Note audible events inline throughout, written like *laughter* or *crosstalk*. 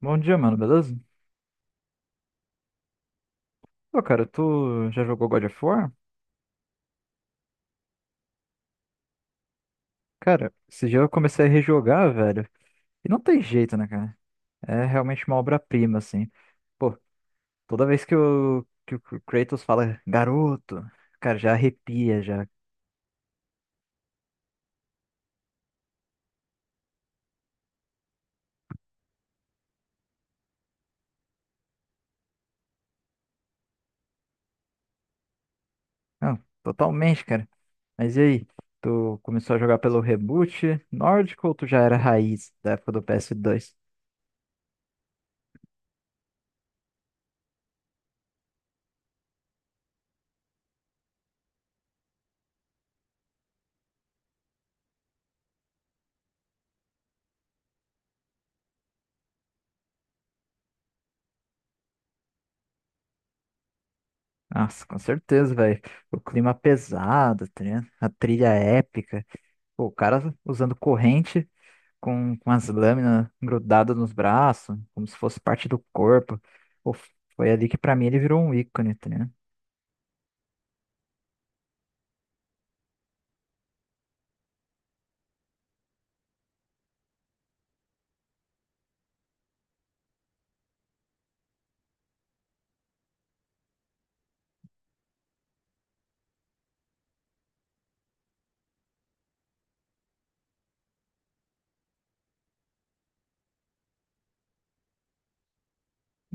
Bom dia, mano, beleza? Pô, cara, tu já jogou God of War? Cara, esse dia eu comecei a rejogar, velho. E não tem jeito, né, cara? É realmente uma obra-prima, assim. Pô, toda vez que o Kratos fala garoto, cara, já arrepia, já. Não, totalmente, cara. Mas e aí? Tu começou a jogar pelo reboot nórdico ou tu já era raiz da época do PS2? Nossa, com certeza, velho. O clima pesado, tá ligado? A trilha épica. Pô, o cara usando corrente com as lâminas grudadas nos braços, como se fosse parte do corpo. Pô, foi ali que pra mim ele virou um ícone, tá ligado?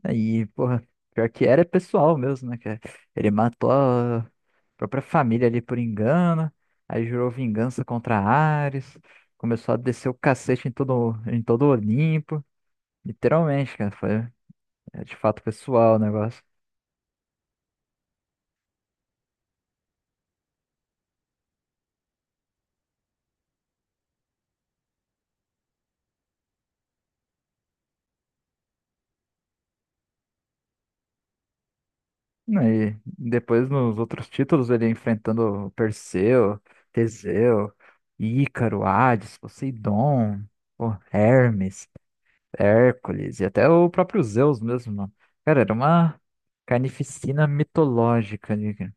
Aí, porra, pior que era pessoal mesmo, né? Que ele matou a própria família ali por engano, aí jurou vingança contra Ares, começou a descer o cacete em todo Olimpo. Literalmente, cara, foi de fato pessoal o negócio. E depois nos outros títulos ele enfrentando Perseu, Teseu, Ícaro, Hades, Poseidon, o Hermes, Hércules e até o próprio Zeus mesmo, mano. Cara, era uma carnificina mitológica ali, cara.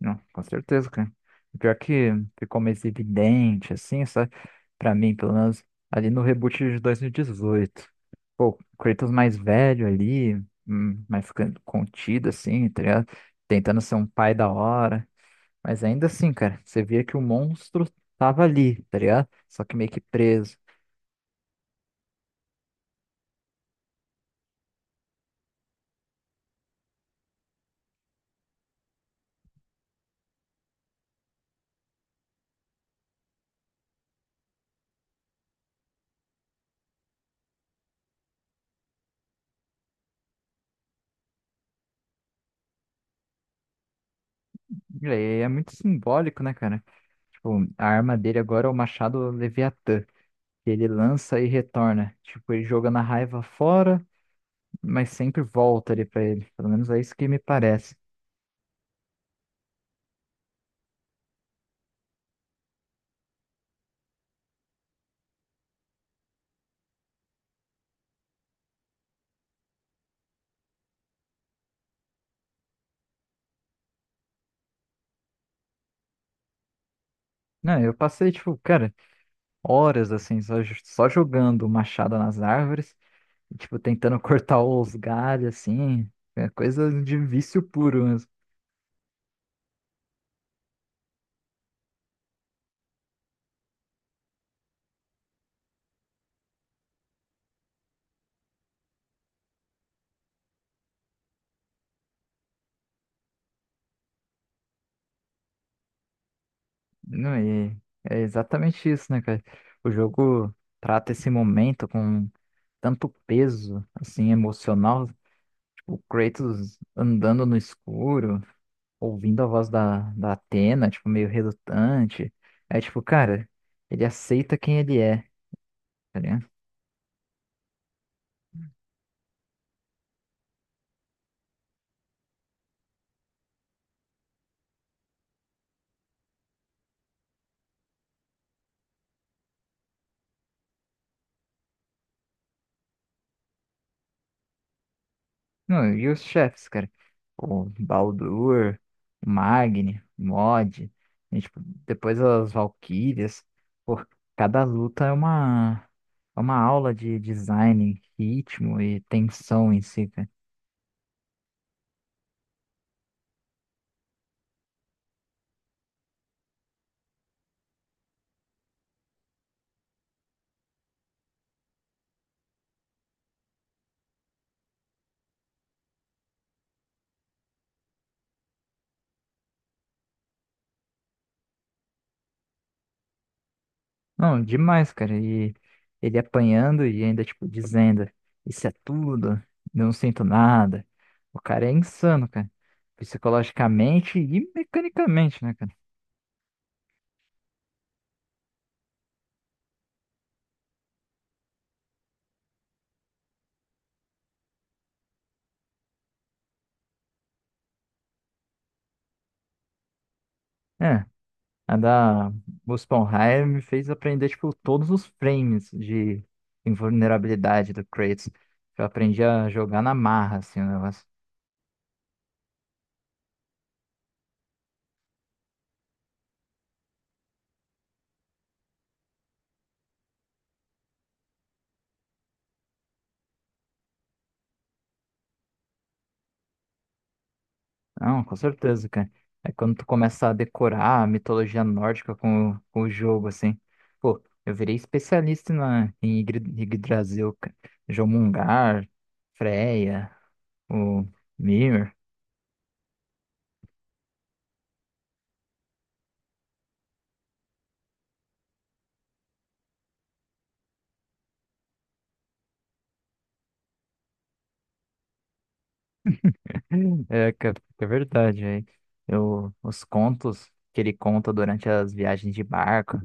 Não, com certeza, cara. Pior que ficou mais evidente, assim, sabe? Pra mim, pelo menos, ali no reboot de 2018. Pô, o Kratos mais velho ali, mais ficando contido, assim, tá ligado? Tentando ser um pai da hora. Mas ainda assim, cara, você via que o monstro tava ali, tá ligado? Só que meio que preso. E aí é muito simbólico, né, cara? Tipo, a arma dele agora é o machado Leviatã, que ele lança e retorna. Tipo, ele joga na raiva fora, mas sempre volta ali pra ele. Pelo menos é isso que me parece. Não, eu passei, tipo, cara, horas assim, só, só jogando machado nas árvores, e, tipo, tentando *laughs* cortar os galhos, assim, é coisa de vício puro mesmo. Não, e é exatamente isso, né, cara? O jogo trata esse momento com tanto peso, assim, emocional, tipo, o Kratos andando no escuro, ouvindo a voz da Atena, tipo, meio relutante. É tipo, cara, ele aceita quem ele é, tá ligado? Não, e os chefes, cara? O Baldur, o Magni, o Mod, e, tipo, depois as Valkyrias. Pô, cada luta é uma aula de design, ritmo e tensão em si, cara. Não, demais, cara. E ele apanhando e ainda, tipo, dizendo: isso é tudo, não sinto nada. O cara é insano, cara. Psicologicamente e mecanicamente, né, cara? É. A da Muspelheim me fez aprender, tipo, todos os frames de invulnerabilidade do Kratos. Eu aprendi a jogar na marra, assim, o negócio. Não, com certeza, cara. É quando tu começa a decorar a mitologia nórdica com o jogo, assim. Pô, eu virei especialista em Yggdrasil, cara. Jomungar, Freya, o Mimir. É, cara, é verdade, aí. Eu, os contos que ele conta durante as viagens de barco.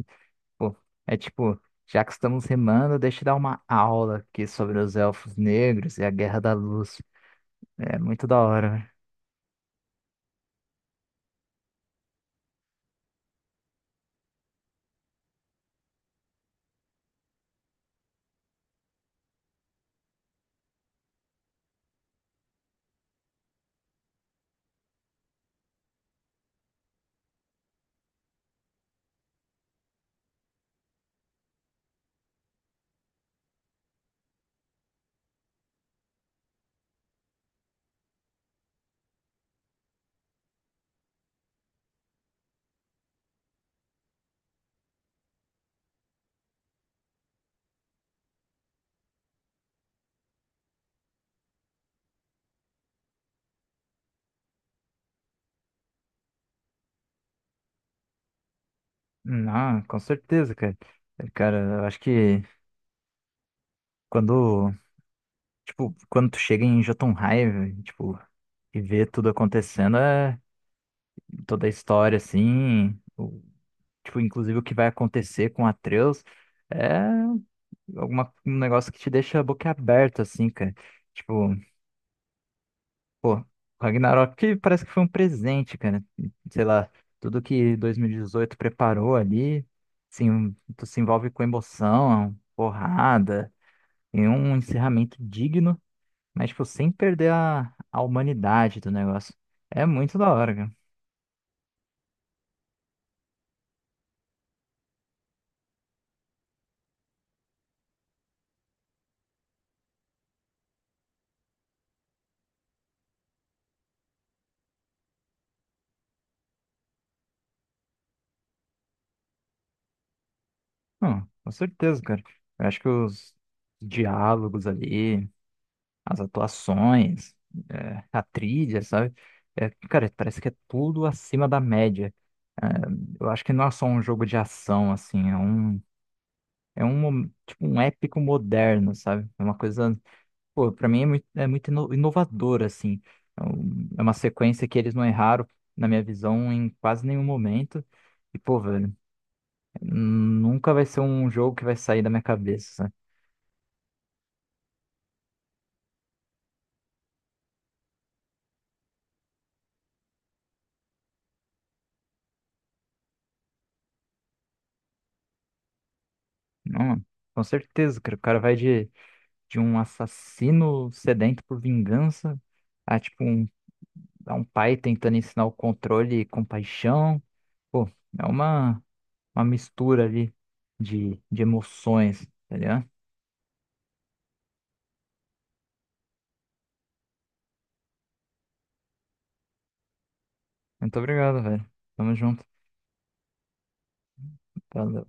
Pô, é tipo, já que estamos remando, deixa eu dar uma aula aqui sobre os elfos negros e a Guerra da Luz. É muito da hora, né? Não, com certeza, cara. É, cara, eu acho que quando, tipo, quando tu chega em Jotunheim, tipo, e vê tudo acontecendo, é toda a história, assim, tipo, inclusive o que vai acontecer com Atreus, é alguma, um negócio que te deixa a boca aberta, assim, cara. Tipo, pô, Ragnarok que parece que foi um presente, cara. Sei lá, tudo que 2018 preparou ali, sim, tu se envolve com emoção, porrada, e um encerramento digno, mas tipo, sem perder a humanidade do negócio. É muito da hora, cara. Não, com certeza, cara. Eu acho que os diálogos ali, as atuações, é, a trilha, sabe? É, cara, parece que é tudo acima da média. É, eu acho que não é só um jogo de ação, assim, é um, tipo, um épico moderno, sabe? É uma coisa, pô, pra mim é muito inovador, assim. É uma sequência que eles não erraram, na minha visão, em quase nenhum momento. E, pô, velho, nunca vai ser um jogo que vai sair da minha cabeça, sabe? Não, com certeza, cara, o cara vai de um assassino sedento por vingança a, tipo, um, a um pai tentando ensinar o controle e compaixão. Pô, é uma mistura ali de emoções, tá ligado? Muito obrigado, velho. Tamo junto. Valeu.